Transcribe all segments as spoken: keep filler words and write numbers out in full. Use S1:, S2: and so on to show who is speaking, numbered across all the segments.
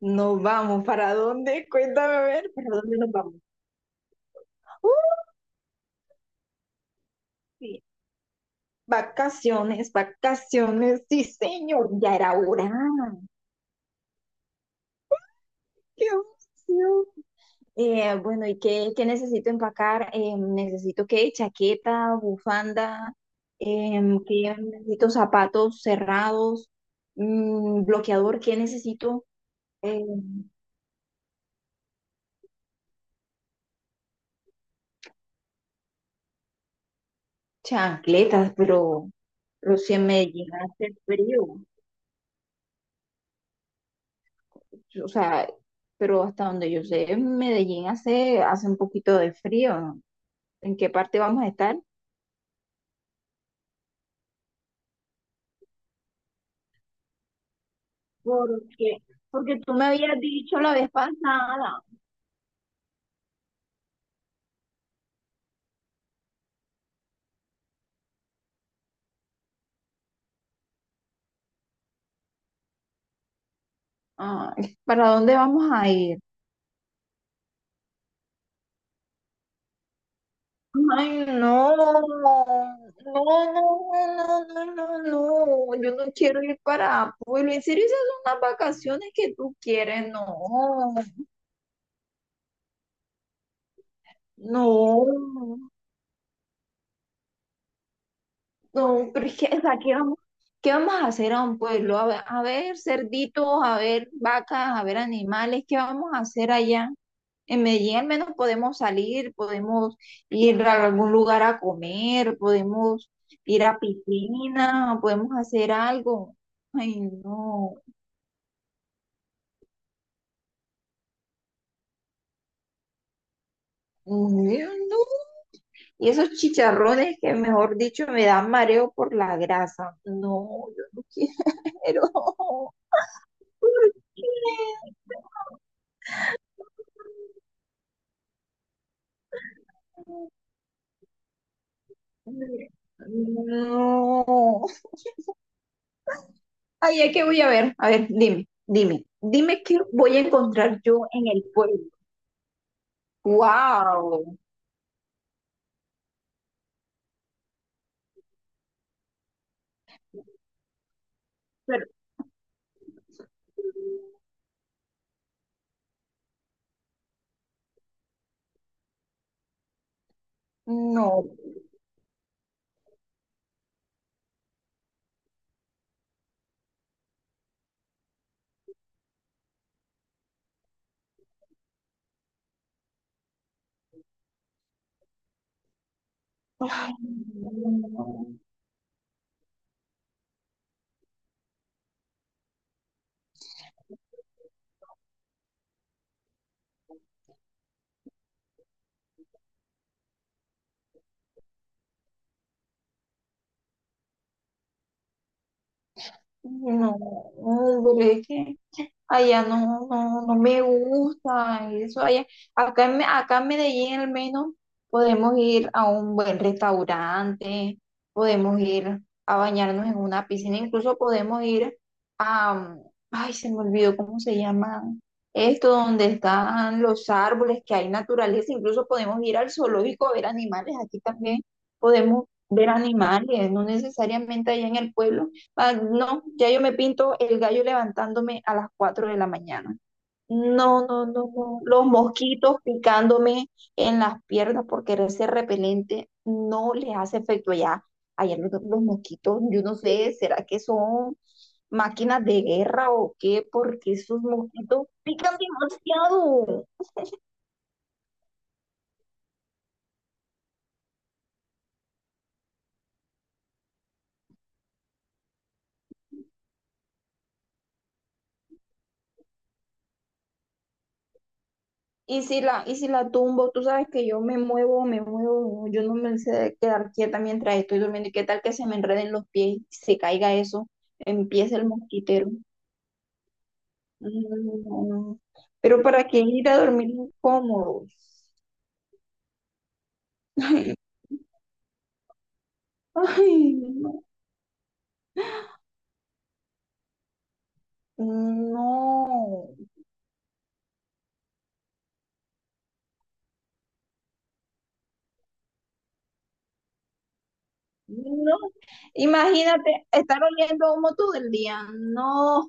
S1: Nos vamos, ¿para dónde? Cuéntame a ver, ¿para dónde nos vamos? Sí. Vacaciones, vacaciones, sí, señor, ya era hora. ¡Qué emoción! Eh, bueno, ¿y qué, qué necesito empacar? Eh, necesito qué, chaqueta, bufanda, em, ¿qué? Necesito zapatos cerrados, mm, bloqueador, ¿qué necesito? Em, Chancletas, pero, pero si me llega a hacer frío. Yo, O sea, pero hasta donde yo sé, en Medellín hace, hace un poquito de frío, ¿no? ¿En qué parte vamos a estar? Porque, porque tú me habías dicho la vez pasada. Ay, ¿para dónde vamos a ir? Ay, no, no, no, no, no, no, no, yo no quiero ir para Pueblo. En serio, esas son las vacaciones que tú quieres, no, no. No, pero es que, o sea, ¿qué vamos, qué vamos a hacer a un pueblo? A ver, a ver cerditos, a ver vacas, a ver animales, ¿qué vamos a hacer allá? En Medellín al menos podemos salir, podemos ir a algún lugar a comer, podemos ir a piscina, podemos hacer algo. Ay, no. Ay, no. Y esos chicharrones que, mejor dicho, me dan mareo por la grasa. No, yo no quiero. ¿Por qué? No. Ay, ¿a qué voy a ver? A ver, dime, dime, dime qué voy a encontrar yo en el pueblo. Wow. Pero no. Ay, no, no, no, de verdad que allá no, no, no me gusta eso allá. Acá en, Me- acá en Medellín al menos podemos ir a un buen restaurante, podemos ir a bañarnos en una piscina, incluso podemos ir a, ay, se me olvidó cómo se llama esto, donde están los árboles, que hay naturaleza, incluso podemos ir al zoológico a ver animales, aquí también podemos ver animales, no necesariamente allá en el pueblo. Ah, no, ya yo me pinto el gallo levantándome a las cuatro de la mañana. No, no, no, no. Los mosquitos picándome en las piernas porque ese repelente no les hace efecto allá. Allá los, los mosquitos, yo no sé, ¿será que son máquinas de guerra o qué? Porque esos mosquitos pican demasiado. Y si la, y si la tumbo, tú sabes que yo me muevo, me muevo, yo no me sé quedar quieta mientras estoy durmiendo. ¿Y qué tal que se me enreden los pies, se caiga eso, empieza el mosquitero? No, no, no. No, no. Pero ¿para qué ir a dormir incómodos? Ay, no, no, no. Imagínate estar oliendo humo todo el día. No.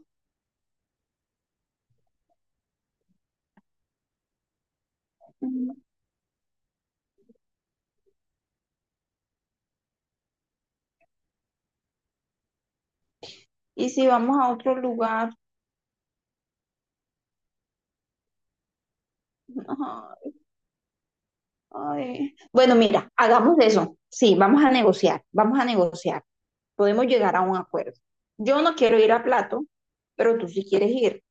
S1: Y si vamos a otro lugar. Ay, bueno, mira, hagamos eso. Sí, vamos a negociar, vamos a negociar. Podemos llegar a un acuerdo. Yo no quiero ir a Plato, pero tú sí quieres ir.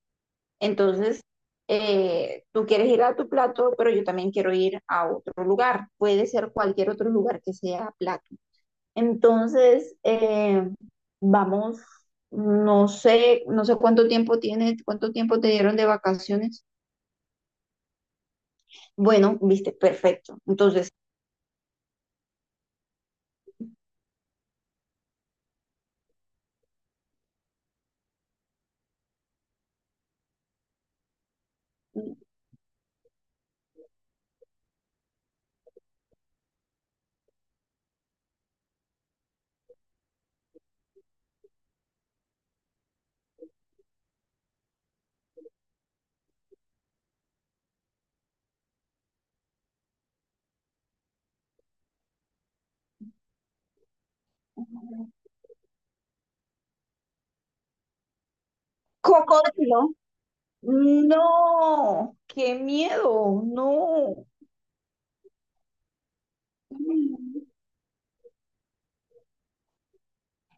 S1: Entonces, eh, tú quieres ir a tu Plato, pero yo también quiero ir a otro lugar. Puede ser cualquier otro lugar que sea Plato. Entonces, eh, vamos, no sé, no sé cuánto tiempo tienes, cuánto tiempo te dieron de vacaciones. Bueno, viste, perfecto. Entonces, cocodrilo. No, qué miedo, no.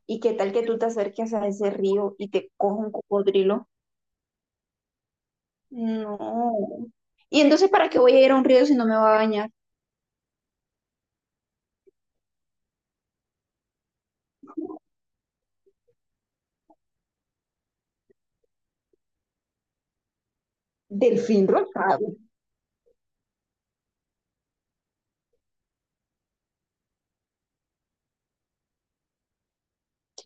S1: ¿Y qué tal que tú te acerques a ese río y te coja un cocodrilo? No. ¿Y entonces para qué voy a ir a un río si no me va a bañar? Delfín rosado,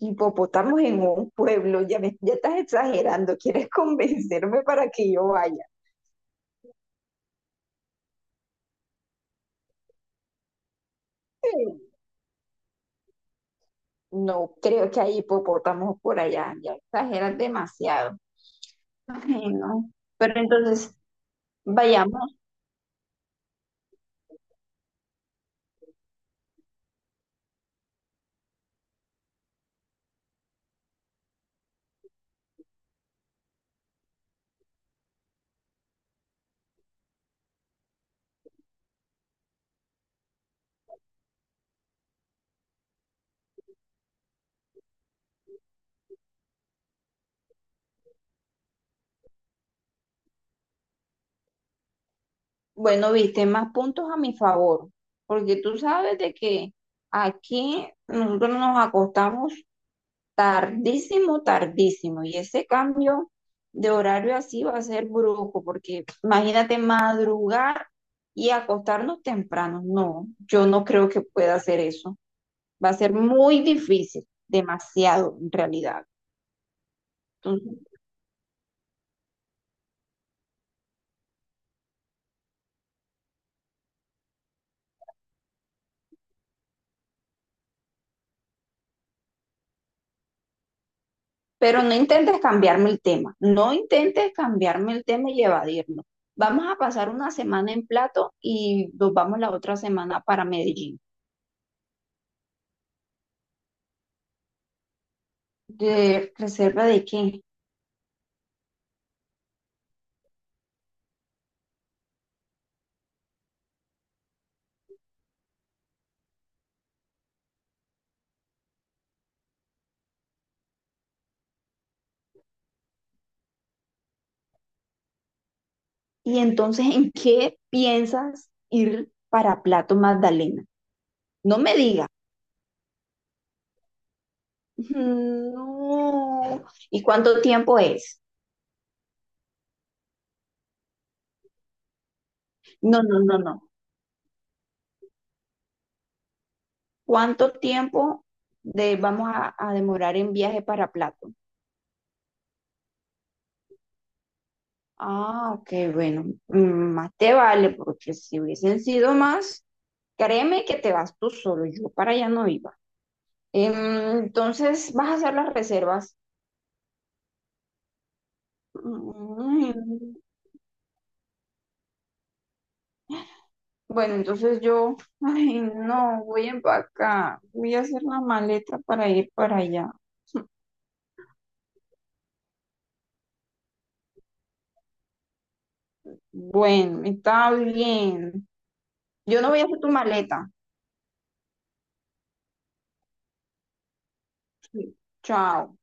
S1: hipopótamos en un pueblo, ya me, ya estás exagerando, ¿quieres convencerme para que yo vaya? Eh, No, creo que hay hipopótamos por allá, ya exageras demasiado. Ay, no. Pero entonces, vayamos. Bueno, viste, más puntos a mi favor, porque tú sabes de que aquí nosotros nos acostamos tardísimo, tardísimo, y ese cambio de horario así va a ser brusco, porque imagínate madrugar y acostarnos temprano. No, yo no creo que pueda hacer eso. Va a ser muy difícil, demasiado en realidad. Pero no intentes cambiarme el tema, no intentes cambiarme el tema y evadirlo. Vamos a pasar una semana en Plato y nos vamos la otra semana para Medellín. ¿De reserva de qué? Y entonces, ¿en qué piensas ir para Plato Magdalena? No me digas, no. ¿Y cuánto tiempo es? No, no, no, no. ¿Cuánto tiempo de, vamos a, a demorar en viaje para Plato? Ah, ok, bueno, mm, más te vale, porque si hubiesen sido más, créeme que te vas tú solo, yo para allá no iba. Em, Entonces, vas a hacer las reservas. Mm, bueno, entonces yo, ay, no, voy a empacar, voy a hacer la maleta para ir para allá. Bueno, está bien. Yo no voy a hacer tu maleta. Sí. Chao.